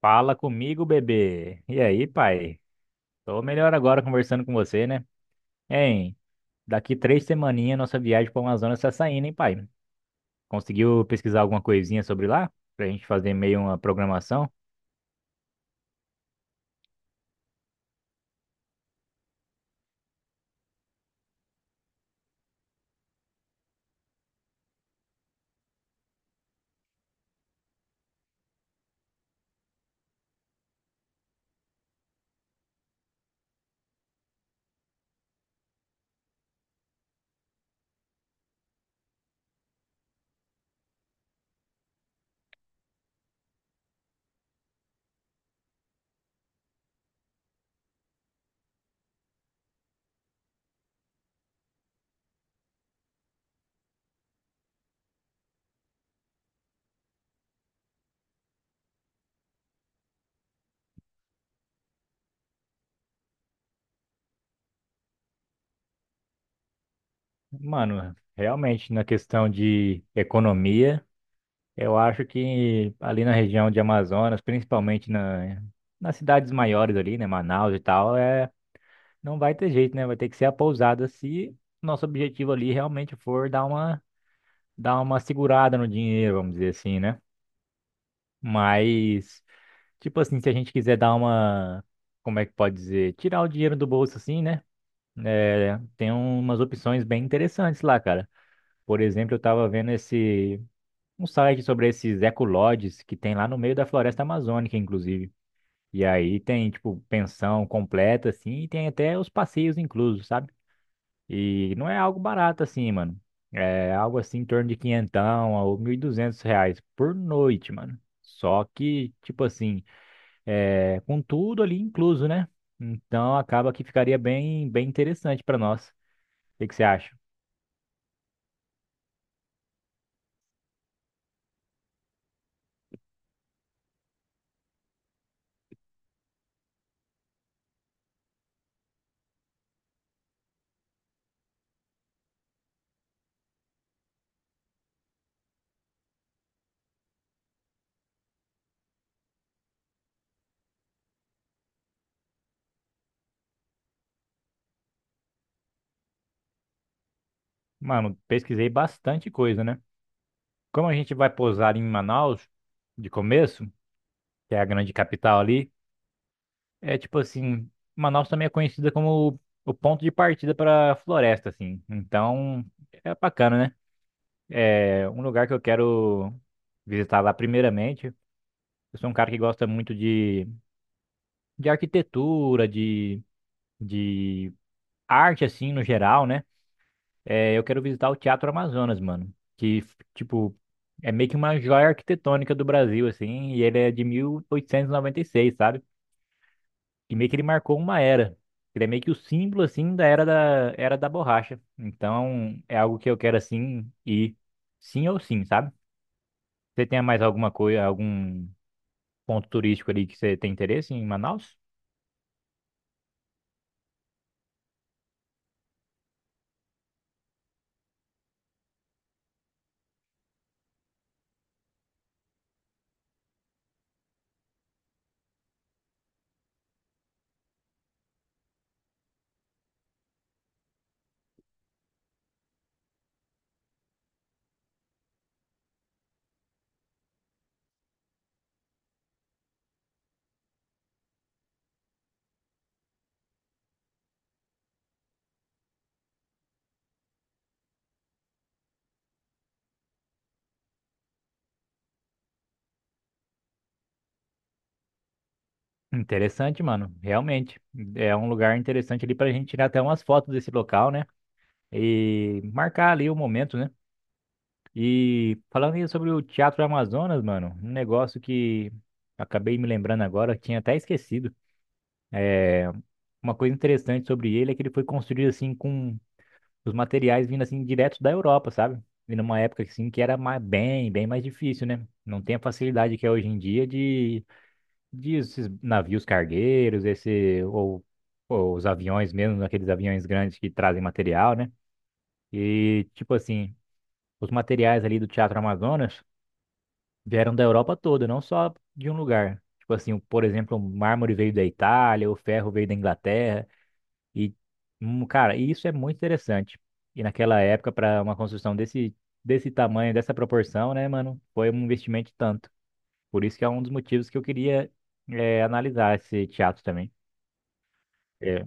Fala comigo, bebê. E aí, pai? Tô melhor agora conversando com você, né? Hein? Daqui 3 semaninhas nossa viagem para Amazonas tá saindo, hein, pai? Conseguiu pesquisar alguma coisinha sobre lá? Pra gente fazer meio uma programação? Mano, realmente, na questão de economia, eu acho que ali na região de Amazonas, principalmente nas cidades maiores ali, né? Manaus e tal, é, não vai ter jeito, né? Vai ter que ser a pousada se nosso objetivo ali realmente for dar uma segurada no dinheiro, vamos dizer assim, né? Mas, tipo assim, se a gente quiser dar uma, como é que pode dizer? Tirar o dinheiro do bolso assim, né? É, tem umas opções bem interessantes lá, cara. Por exemplo, eu tava vendo um site sobre esses ecolodges que tem lá no meio da floresta amazônica, inclusive. E aí tem, tipo, pensão completa, assim, e tem até os passeios inclusos, sabe? E não é algo barato assim, mano. É algo assim em torno de quinhentão ou 1.200 reais por noite, mano. Só que, tipo assim, é, com tudo ali incluso, né? Então acaba que ficaria bem, bem interessante pra nós. O que que você acha? Mano, pesquisei bastante coisa, né? Como a gente vai pousar em Manaus de começo, que é a grande capital ali, é tipo assim, Manaus também é conhecida como o ponto de partida para floresta, assim. Então é bacana, né? É um lugar que eu quero visitar lá primeiramente. Eu sou um cara que gosta muito de arquitetura, de arte, assim, no geral, né? É, eu quero visitar o Teatro Amazonas, mano. Que, tipo, é meio que uma joia arquitetônica do Brasil, assim. E ele é de mil oitocentos e noventa e seis, sabe? E meio que ele marcou uma era. Ele é meio que o símbolo, assim, da era da, era da borracha. Então, é algo que eu quero, assim, ir sim ou sim, sabe? Você tem mais alguma coisa, algum ponto turístico ali que você tem interesse em Manaus? Interessante, mano. Realmente. É um lugar interessante ali pra gente tirar até umas fotos desse local, né? E marcar ali o momento, né? E falando aí sobre o Teatro Amazonas, mano, um negócio que acabei me lembrando agora, tinha até esquecido. Uma coisa interessante sobre ele é que ele foi construído assim com os materiais vindo assim direto da Europa, sabe? E numa época assim que era bem, bem mais difícil, né? Não tem a facilidade que é hoje em dia de esses navios cargueiros, esse ou os aviões mesmo, aqueles aviões grandes que trazem material, né? E tipo assim, os materiais ali do Teatro Amazonas vieram da Europa toda, não só de um lugar. Tipo assim, por exemplo, o mármore veio da Itália, o ferro veio da Inglaterra e cara, isso é muito interessante. E naquela época para uma construção desse tamanho, dessa proporção, né, mano, foi um investimento de tanto. Por isso que é um dos motivos que eu queria analisar esse teatro também. É,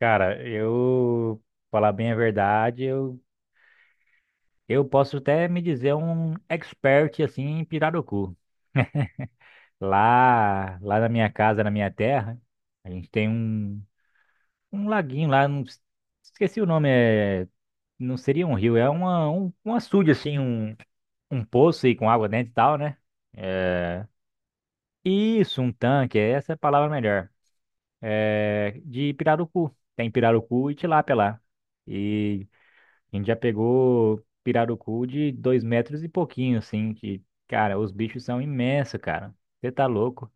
cara, eu falar bem a verdade, eu posso até me dizer um expert assim em pirarucu. Lá, lá na minha casa, na minha terra, a gente tem um, um laguinho lá, não, esqueci o nome, é, não seria um rio, é um açude assim, um poço aí com água dentro e tal, né? É, isso, um tanque, essa é a palavra melhor. É, de pirarucu. Tem pirarucu e tilápia lá. E a gente já pegou pirarucu de 2 metros e pouquinho, assim, que, cara, os bichos são imensos, cara. Você tá louco.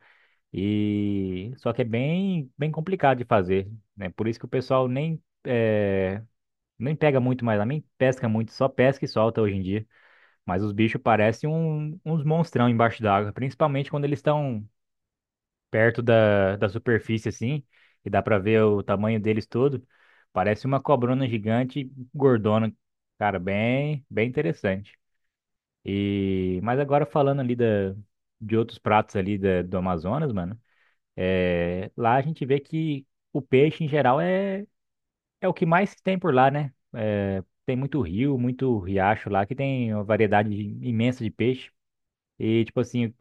E só que é bem, bem complicado de fazer, né? Por isso que o pessoal nem, nem pega muito mais lá, nem pesca muito, só pesca e solta hoje em dia. Mas os bichos parecem uns monstrão embaixo d'água, principalmente quando eles estão perto da superfície, assim, e dá pra ver o tamanho deles todo. Parece uma cobrona gigante, gordona. Cara, bem, bem interessante. E, mas agora falando ali de outros pratos ali da, do Amazonas, mano, é, lá a gente vê que o peixe em geral é o que mais tem por lá, né? É, tem muito rio, muito riacho lá, que tem uma variedade imensa de peixe. E, tipo assim,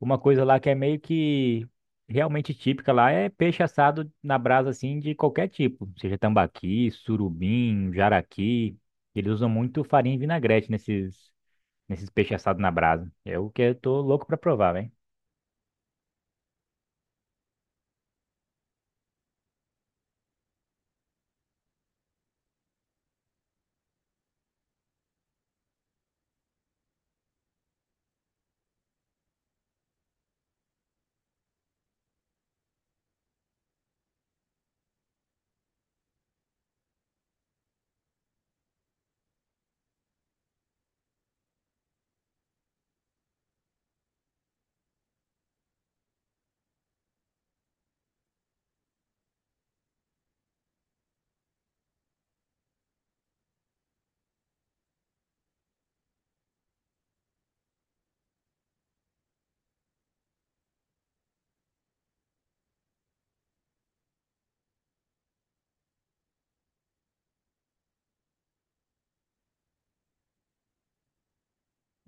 uma coisa lá que é meio que realmente típica lá é peixe assado na brasa, assim, de qualquer tipo. Seja tambaqui, surubim, jaraqui. Eles usam muito farinha e vinagrete nesses peixes assados na brasa. É o que eu tô louco pra provar, hein.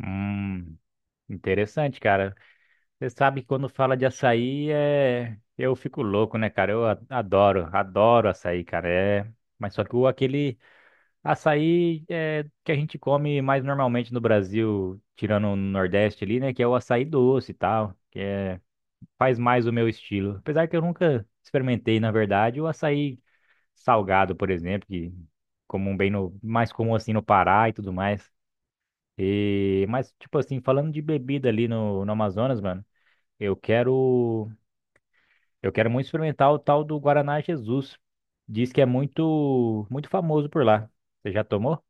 Hum, Interessante, cara. Você sabe que quando fala de açaí, eu fico louco, né, cara? Eu adoro açaí, cara. Mas só que o aquele açaí é que a gente come mais normalmente no Brasil, tirando o Nordeste ali, né? Que é o açaí doce e tal, que é, faz mais o meu estilo. Apesar que eu nunca experimentei, na verdade, o açaí salgado, por exemplo, que comum bem mais comum assim no Pará e tudo mais. E, mas, tipo assim, falando de bebida ali no Amazonas, mano, eu quero, eu quero muito experimentar o tal do Guaraná Jesus. Diz que é muito, muito famoso por lá. Você já tomou?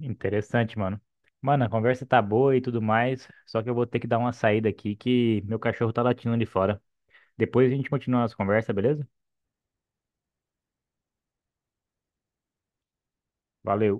Interessante, mano. Mano, a conversa tá boa e tudo mais, só que eu vou ter que dar uma saída aqui que meu cachorro tá latindo ali fora. Depois a gente continua a nossa conversa, beleza? Valeu.